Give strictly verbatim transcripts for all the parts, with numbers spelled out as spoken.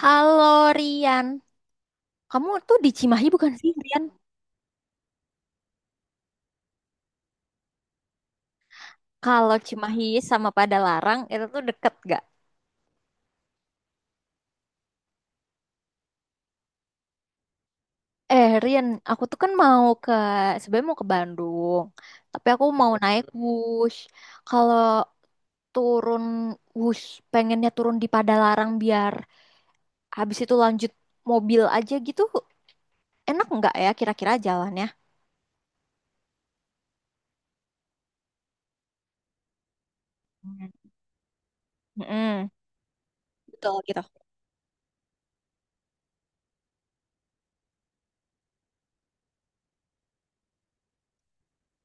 Halo Rian, kamu tuh di Cimahi bukan sih Rian? Kalau Cimahi sama Padalarang itu tuh deket gak? Eh Rian, aku tuh kan mau ke sebenarnya mau ke Bandung, tapi aku mau naik bus. Kalau turun bus, pengennya turun di Padalarang biar habis itu lanjut mobil aja gitu, enak nggak ya kira-kira jalannya? Hmm. Mm-mm. Betul gitu.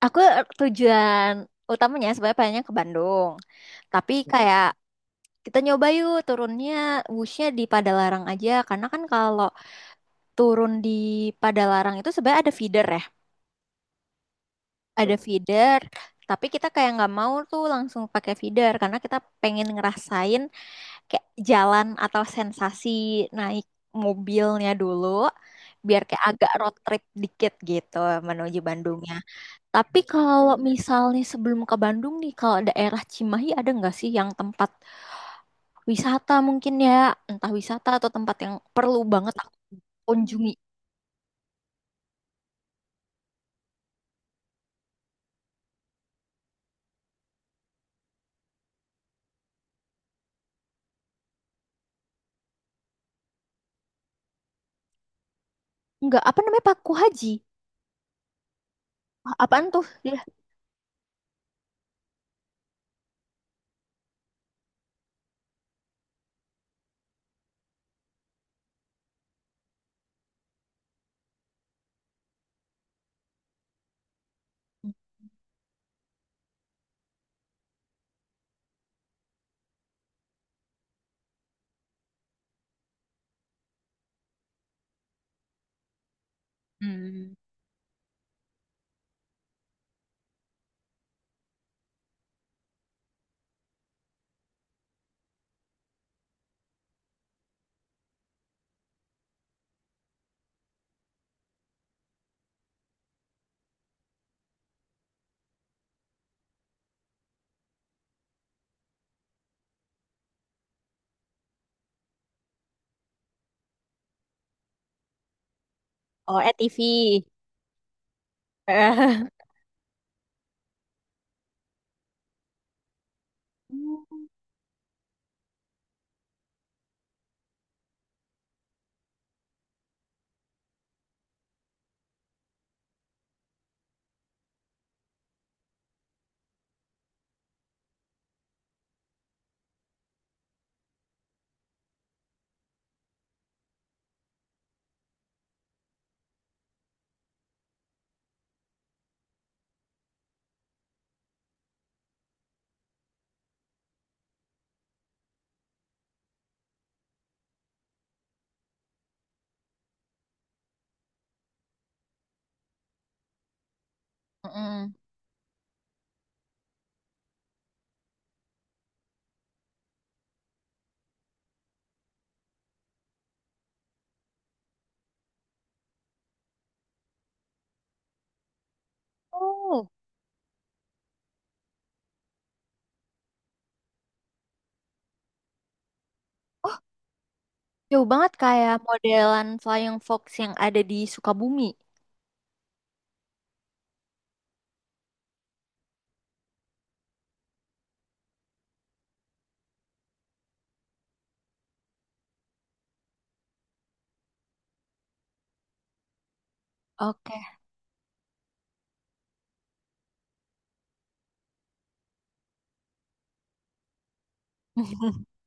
Aku eh, tujuan utamanya sebenarnya pengennya ke Bandung, tapi kayak kita nyoba yuk turunnya busnya di Padalarang aja karena kan kalau turun di Padalarang itu sebenarnya ada feeder ya, ada feeder. Tapi kita kayak nggak mau tuh langsung pakai feeder karena kita pengen ngerasain kayak jalan atau sensasi naik mobilnya dulu, biar kayak agak road trip dikit gitu menuju Bandungnya. Tapi kalau misalnya sebelum ke Bandung nih, kalau daerah Cimahi ada nggak sih yang tempat wisata mungkin ya, entah wisata atau tempat yang perlu banget aku kunjungi. Enggak, apa namanya Paku Haji? A- Apaan tuh? Dia Oh, E T V. Eh, Hmm. Mm-mm. Oh, jauh banget kayak modelan Flying Fox yang ada di Sukabumi. Oke.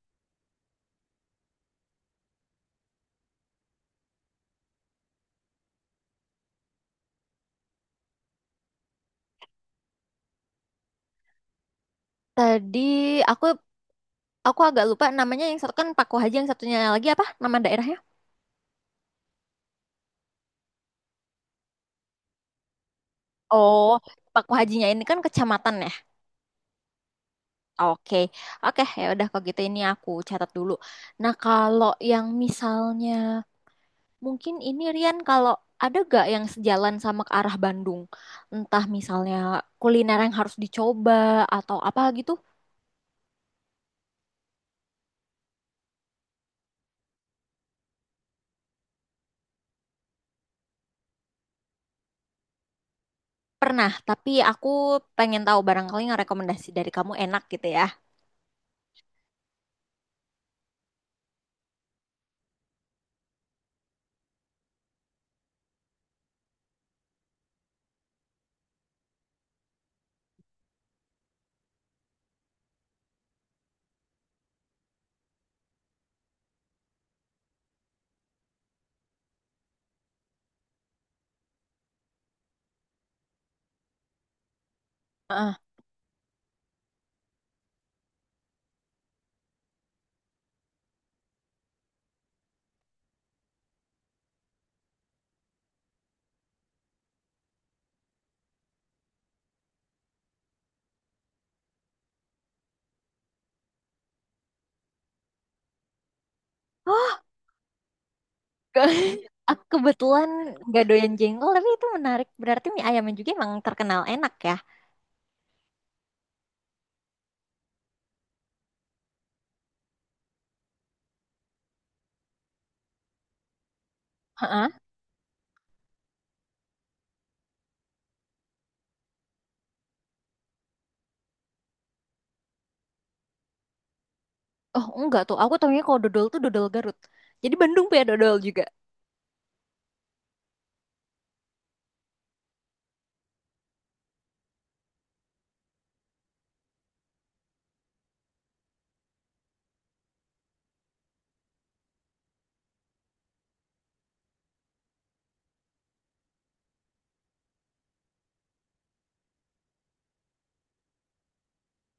Tadi aku aku agak lupa namanya yang satu kan Paku Haji yang satunya lagi apa nama daerahnya? Oh, Paku Hajinya ini kan kecamatan ya? Oke, oke ya udah kalau gitu ini aku catat dulu. Nah kalau yang misalnya mungkin ini Rian kalau ada gak yang sejalan sama ke arah Bandung, entah misalnya kuliner yang harus dicoba atau apa gitu pernah. Tapi aku pengen tahu barangkali yang rekomendasi dari kamu enak gitu ya. Heeh. Ke- Aku kebetulan gak doyan jengkol tapi itu menarik. Berarti mie ayamnya juga emang terkenal enak ya. Oh, enggak tuh. Aku tahunya kalau dodol tuh dodol Garut. Jadi Bandung punya dodol juga.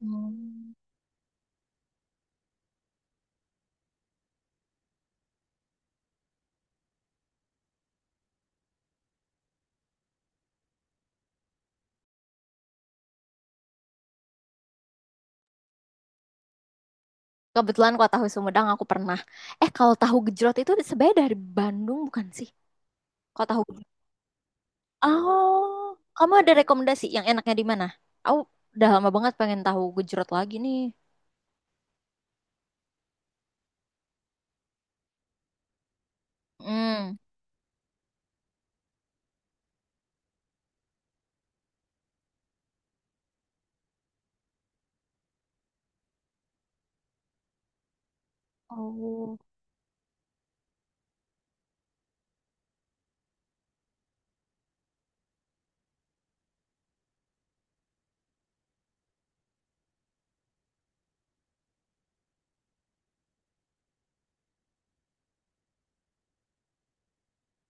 Hmm. Kebetulan kalau tahu Sumedang aku pernah. Eh, kalau tahu gejrot itu sebenarnya dari Bandung bukan sih? Kalau tahu gejrot. Oh, kamu ada rekomendasi yang enaknya di mana? Aku udah lama banget pengen tahu gejrot lagi nih. Hmm. Oh.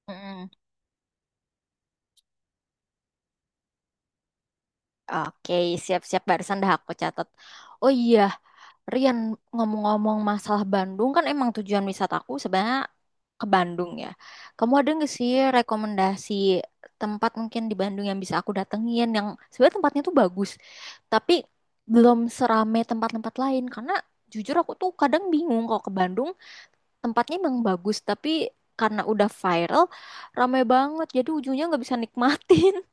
Mm-mm. Oke, siap-siap barusan dah aku catat. Oh iya, Rian, ngomong-ngomong masalah Bandung kan emang tujuan wisataku sebenarnya ke Bandung ya. Kamu ada nggak sih rekomendasi tempat mungkin di Bandung yang bisa aku datengin yang sebenarnya tempatnya tuh bagus, tapi belum serame tempat-tempat lain karena jujur aku tuh kadang bingung kalau ke Bandung tempatnya emang bagus tapi karena udah viral rame banget jadi ujungnya nggak bisa nikmatin.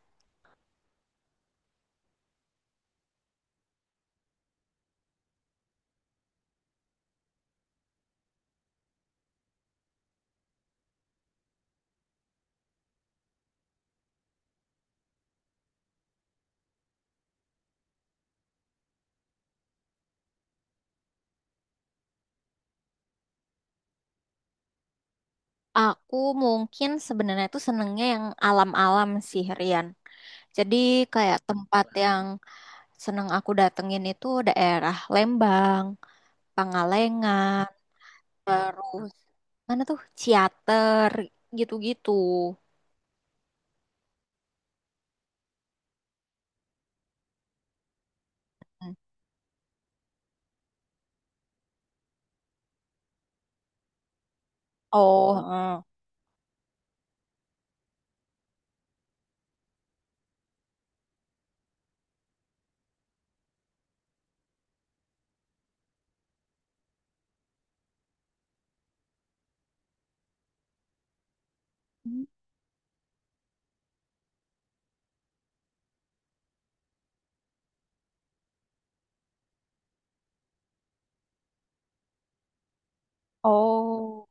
Aku mungkin sebenarnya tuh senengnya yang alam-alam sih Rian. Jadi kayak tempat yang seneng aku datengin itu daerah Lembang, Pangalengan, terus mana tuh Ciater gitu-gitu. Hmm. Oh, eh. Hmm. Oh,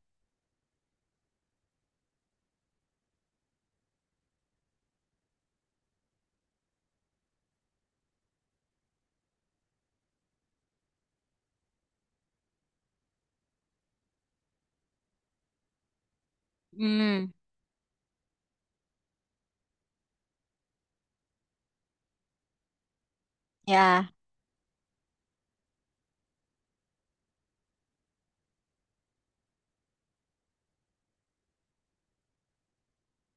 hmm, ya,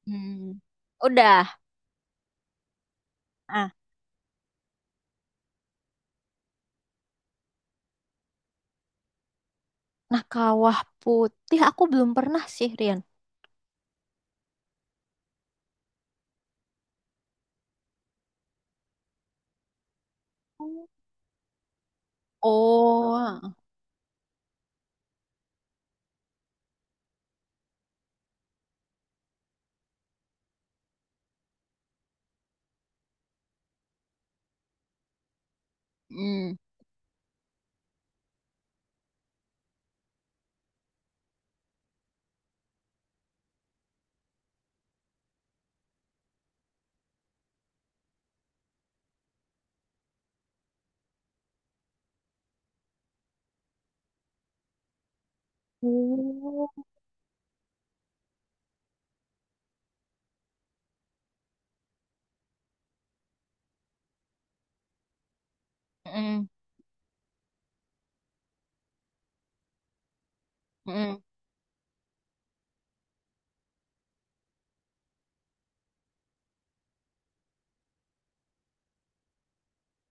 hmm. Udah. Ah, nah Kawah Putih aku belum pernah sih, Rian. Oh, hmm. Oh. Mm,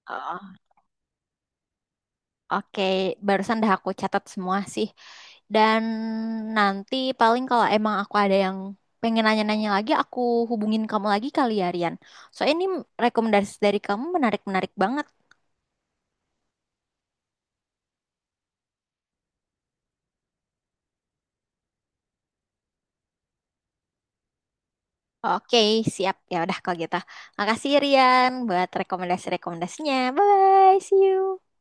mm. Oke, barusan dah aku catat semua sih. Dan nanti paling kalau emang aku ada yang pengen nanya-nanya lagi, aku hubungin kamu lagi kali ya, Rian. Soalnya ini rekomendasi dari kamu menarik-menarik banget. Oke, siap. Ya udah kalau gitu. Makasih Rian buat rekomendasi-rekomendasinya. Bye, see you.